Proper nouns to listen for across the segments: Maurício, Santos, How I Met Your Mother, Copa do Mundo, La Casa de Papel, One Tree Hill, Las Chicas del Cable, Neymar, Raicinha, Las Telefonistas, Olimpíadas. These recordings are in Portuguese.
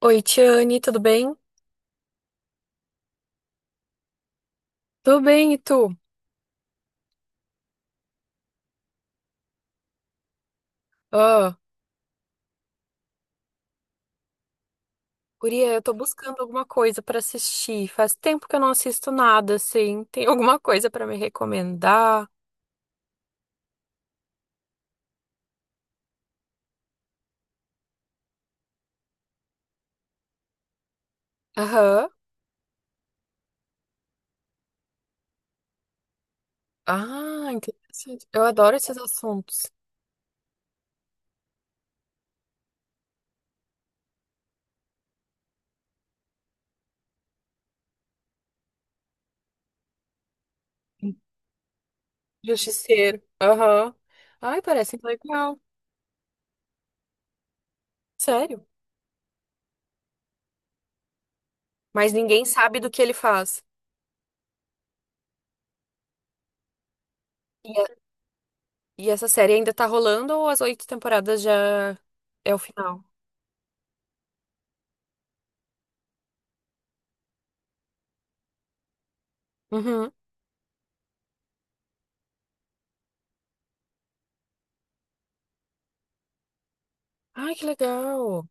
Oi, Tiane, tudo bem? Tudo bem, e tu? Ah, guria, eu tô buscando alguma coisa pra assistir. Faz tempo que eu não assisto nada, assim. Tem alguma coisa pra me recomendar? Aham. Ah, interessante. Eu adoro esses assuntos. Justiceiro. Aham. Ai, parece legal. Sério? Mas ninguém sabe do que ele faz. E, a- e essa série ainda tá rolando ou as 8 temporadas já é o final? Uhum. Ai, que legal.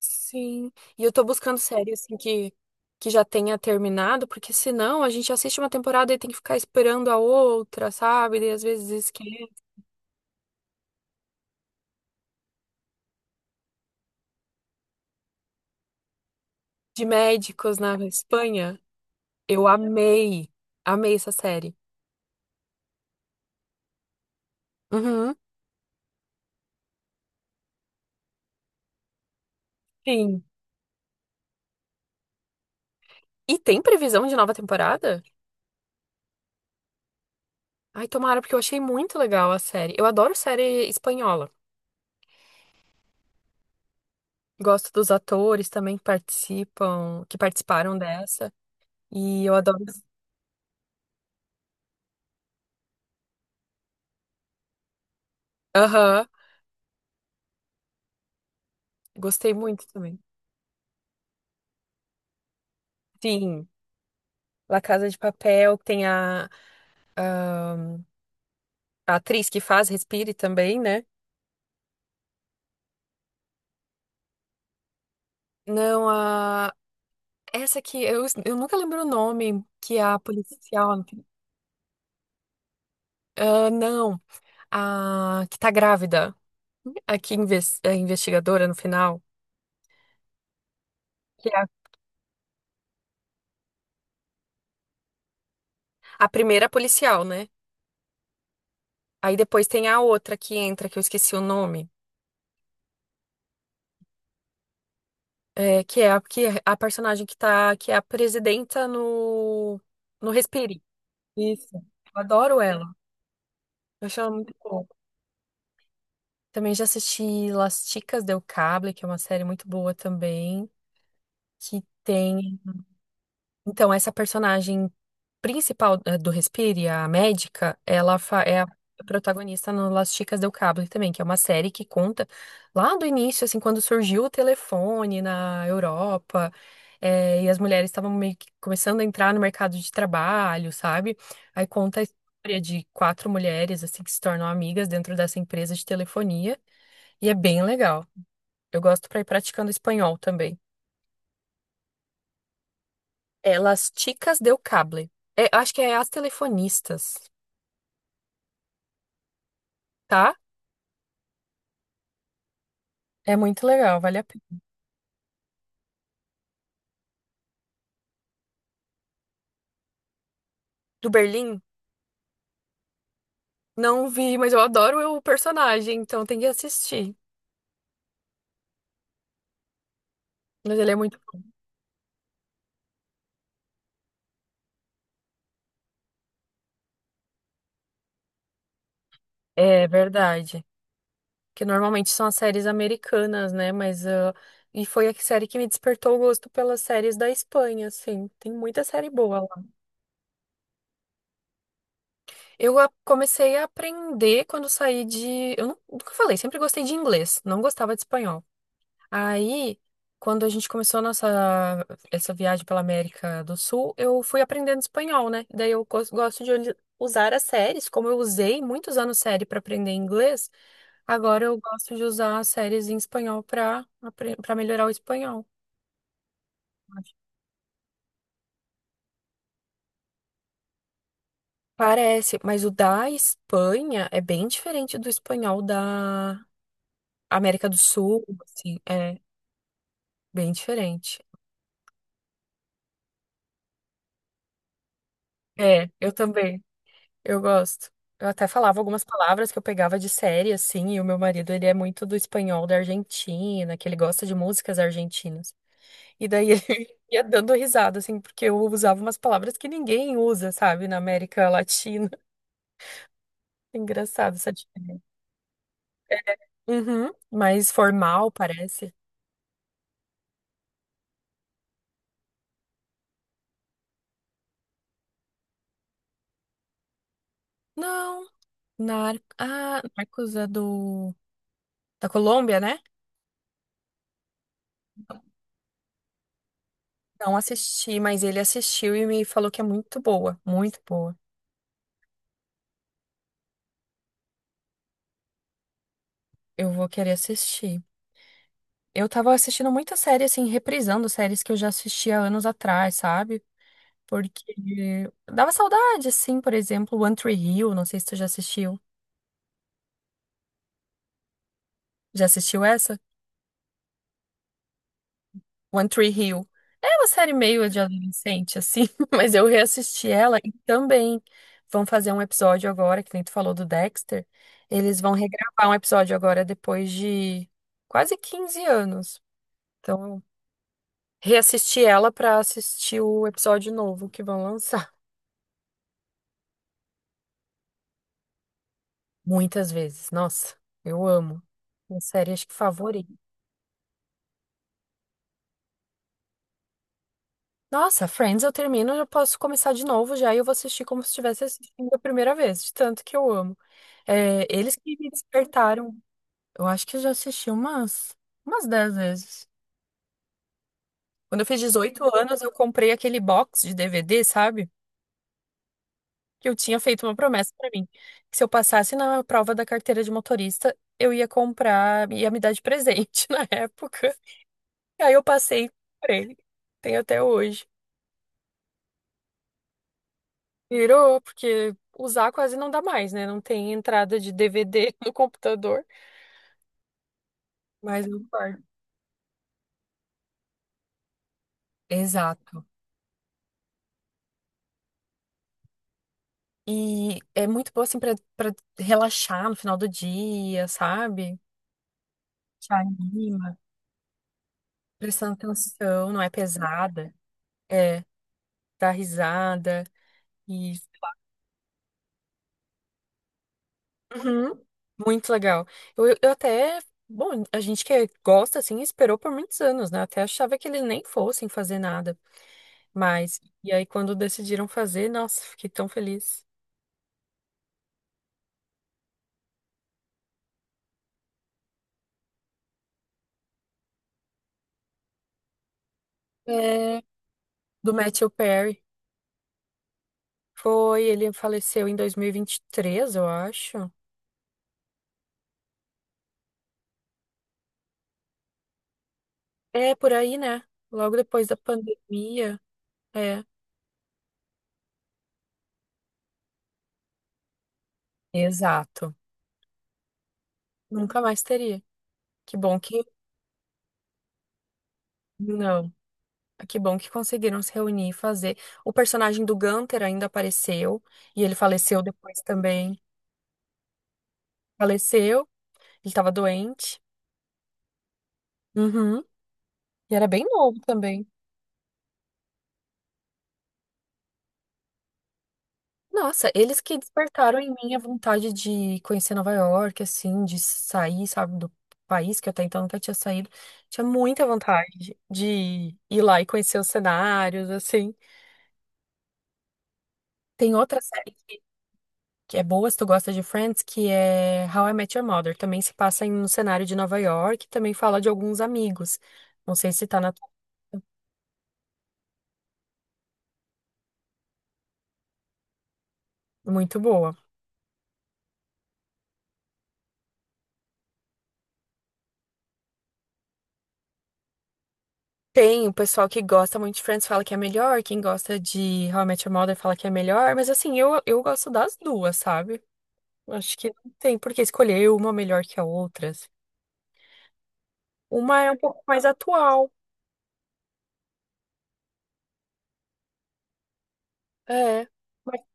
Sim. E eu tô buscando série, assim, que já tenha terminado, porque senão a gente assiste uma temporada e tem que ficar esperando a outra, sabe? E às vezes esquece. De médicos na Espanha. Eu amei. Amei essa série. Uhum. Sim. E tem previsão de nova temporada? Ai, tomara, porque eu achei muito legal a série. Eu adoro série espanhola. Gosto dos atores também que participam, que participaram dessa. E eu adoro. Aham. Gostei muito também. Sim. La Casa de Papel, tem a atriz que faz Respire também, né? Não, a. Essa aqui, eu nunca lembro o nome, que é a policial. Ah, não, a que tá grávida, a que é investigadora no final, que é a primeira policial, né? Aí depois tem a outra que entra, que eu esqueci o nome, é a personagem que tá, que é a presidenta no, no Respire. Isso. Eu adoro ela. Eu acho ela muito boa. Também já assisti Las Chicas del Cable, que é uma série muito boa também, que tem. Então, essa personagem principal do Respire, a médica, ela é a protagonista no Las Chicas del Cable também, que é uma série que conta lá do início, assim, quando surgiu o telefone na Europa, e as mulheres estavam meio que começando a entrar no mercado de trabalho, sabe? Aí conta a história de quatro mulheres, assim, que se tornam amigas dentro dessa empresa de telefonia, e é bem legal. Eu gosto pra ir praticando espanhol também. Elas Las Chicas del Cable. É, acho que é As Telefonistas, tá? É muito legal, vale a pena. Do Berlim? Não vi, mas eu adoro o personagem, então tem que assistir. Mas ele é muito. É verdade. Que normalmente são as séries americanas, né? Mas. E foi a série que me despertou o gosto pelas séries da Espanha, assim. Tem muita série boa lá. Eu comecei a aprender quando saí de. Eu nunca falei, sempre gostei de inglês, não gostava de espanhol. Aí, quando a gente começou a nossa essa viagem pela América do Sul, eu fui aprendendo espanhol, né? Daí eu gosto de usar as séries, como eu usei muitos anos série para aprender inglês, agora eu gosto de usar as séries em espanhol para melhorar o espanhol. Parece, mas o da Espanha é bem diferente do espanhol da América do Sul, assim, é bem diferente. É, eu também. Eu gosto. Eu até falava algumas palavras que eu pegava de série, assim, e o meu marido, ele é muito do espanhol da Argentina, que ele gosta de músicas argentinas. E daí ele ia dando risada, assim, porque eu usava umas palavras que ninguém usa, sabe, na América Latina. Engraçado essa diferença. Uhum. Mais formal, parece. Não, Ah, Narcos é da Colômbia, né? Não assisti, mas ele assistiu e me falou que é muito boa, muito boa. Eu vou querer assistir. Eu tava assistindo muita série, assim, reprisando séries que eu já assistia anos atrás, sabe? Porque dava saudade, assim, por exemplo, One Tree Hill, não sei se tu já assistiu. Já assistiu essa? One Tree Hill. É uma série meio de adolescente, assim, mas eu reassisti ela e também vão fazer um episódio agora, que nem tu falou do Dexter. Eles vão regravar um episódio agora depois de quase 15 anos. Então, eu reassisti ela pra assistir o episódio novo que vão lançar. Muitas vezes. Nossa, eu amo. Minha série, acho que favorita. Nossa, Friends eu termino, eu posso começar de novo já e eu vou assistir como se estivesse assistindo a primeira vez, de tanto que eu amo. É, eles que me despertaram. Eu acho que eu já assisti umas, 10 vezes. Quando eu fiz 18 anos, eu comprei aquele box de DVD, sabe? Que eu tinha feito uma promessa pra mim, que se eu passasse na prova da carteira de motorista, eu ia comprar, ia me dar de presente na época. E aí eu passei e ele, tem até hoje. Virou, porque usar quase não dá mais, né? Não tem entrada de DVD no computador, mas eu guardo. Exato. E é muito bom, assim, pra relaxar no final do dia, sabe? Te anima, prestando atenção, não é pesada. É, dá risada. E... Uhum, muito legal. Eu até. Bom, a gente que é, gosta, assim, esperou por muitos anos, né? Até achava que eles nem fossem fazer nada. Mas, e aí quando decidiram fazer, nossa, fiquei tão feliz. É, do Matthew Perry. Foi, ele faleceu em dois mil e vinte e três eu acho. É, por aí, né? Logo depois da pandemia. É, exato. Nunca mais teria. Que bom que. Não. Que bom que conseguiram se reunir e fazer. O personagem do Gunther ainda apareceu. E ele faleceu depois também. Faleceu. Ele tava doente. Uhum. E era bem novo também. Nossa, eles que despertaram em mim a vontade de conhecer Nova York, assim, de sair, sabe, do país que até então nunca tinha saído. Tinha muita vontade de ir lá e conhecer os cenários, assim. Tem outra série que, é boa, se tu gosta de Friends, que é How I Met Your Mother. Também se passa em um cenário de Nova York, e também fala de alguns amigos. Não sei se tá na. Muito boa. Tem o pessoal que gosta muito de Friends fala que é melhor, quem gosta de How I Met Your Mother fala que é melhor, mas assim, eu gosto das duas, sabe? Eu acho que não tem por que escolher uma melhor que a outra, assim. Uma é um pouco mais atual. É. mas-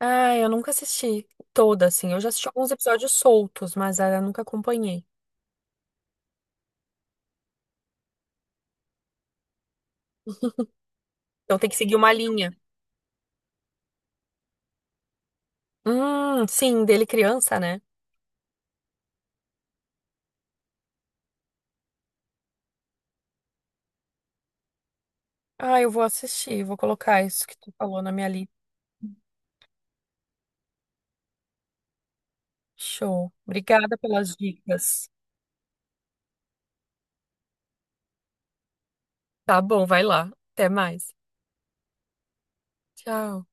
Ah, eu nunca assisti toda, assim. Eu já assisti alguns episódios soltos, mas eu nunca acompanhei. Então tem que seguir uma linha. Sim, dele criança, né? Ah, eu vou assistir, vou colocar isso que tu falou na minha lista. Show. Obrigada pelas dicas. Tá bom, vai lá. Até mais. Tchau.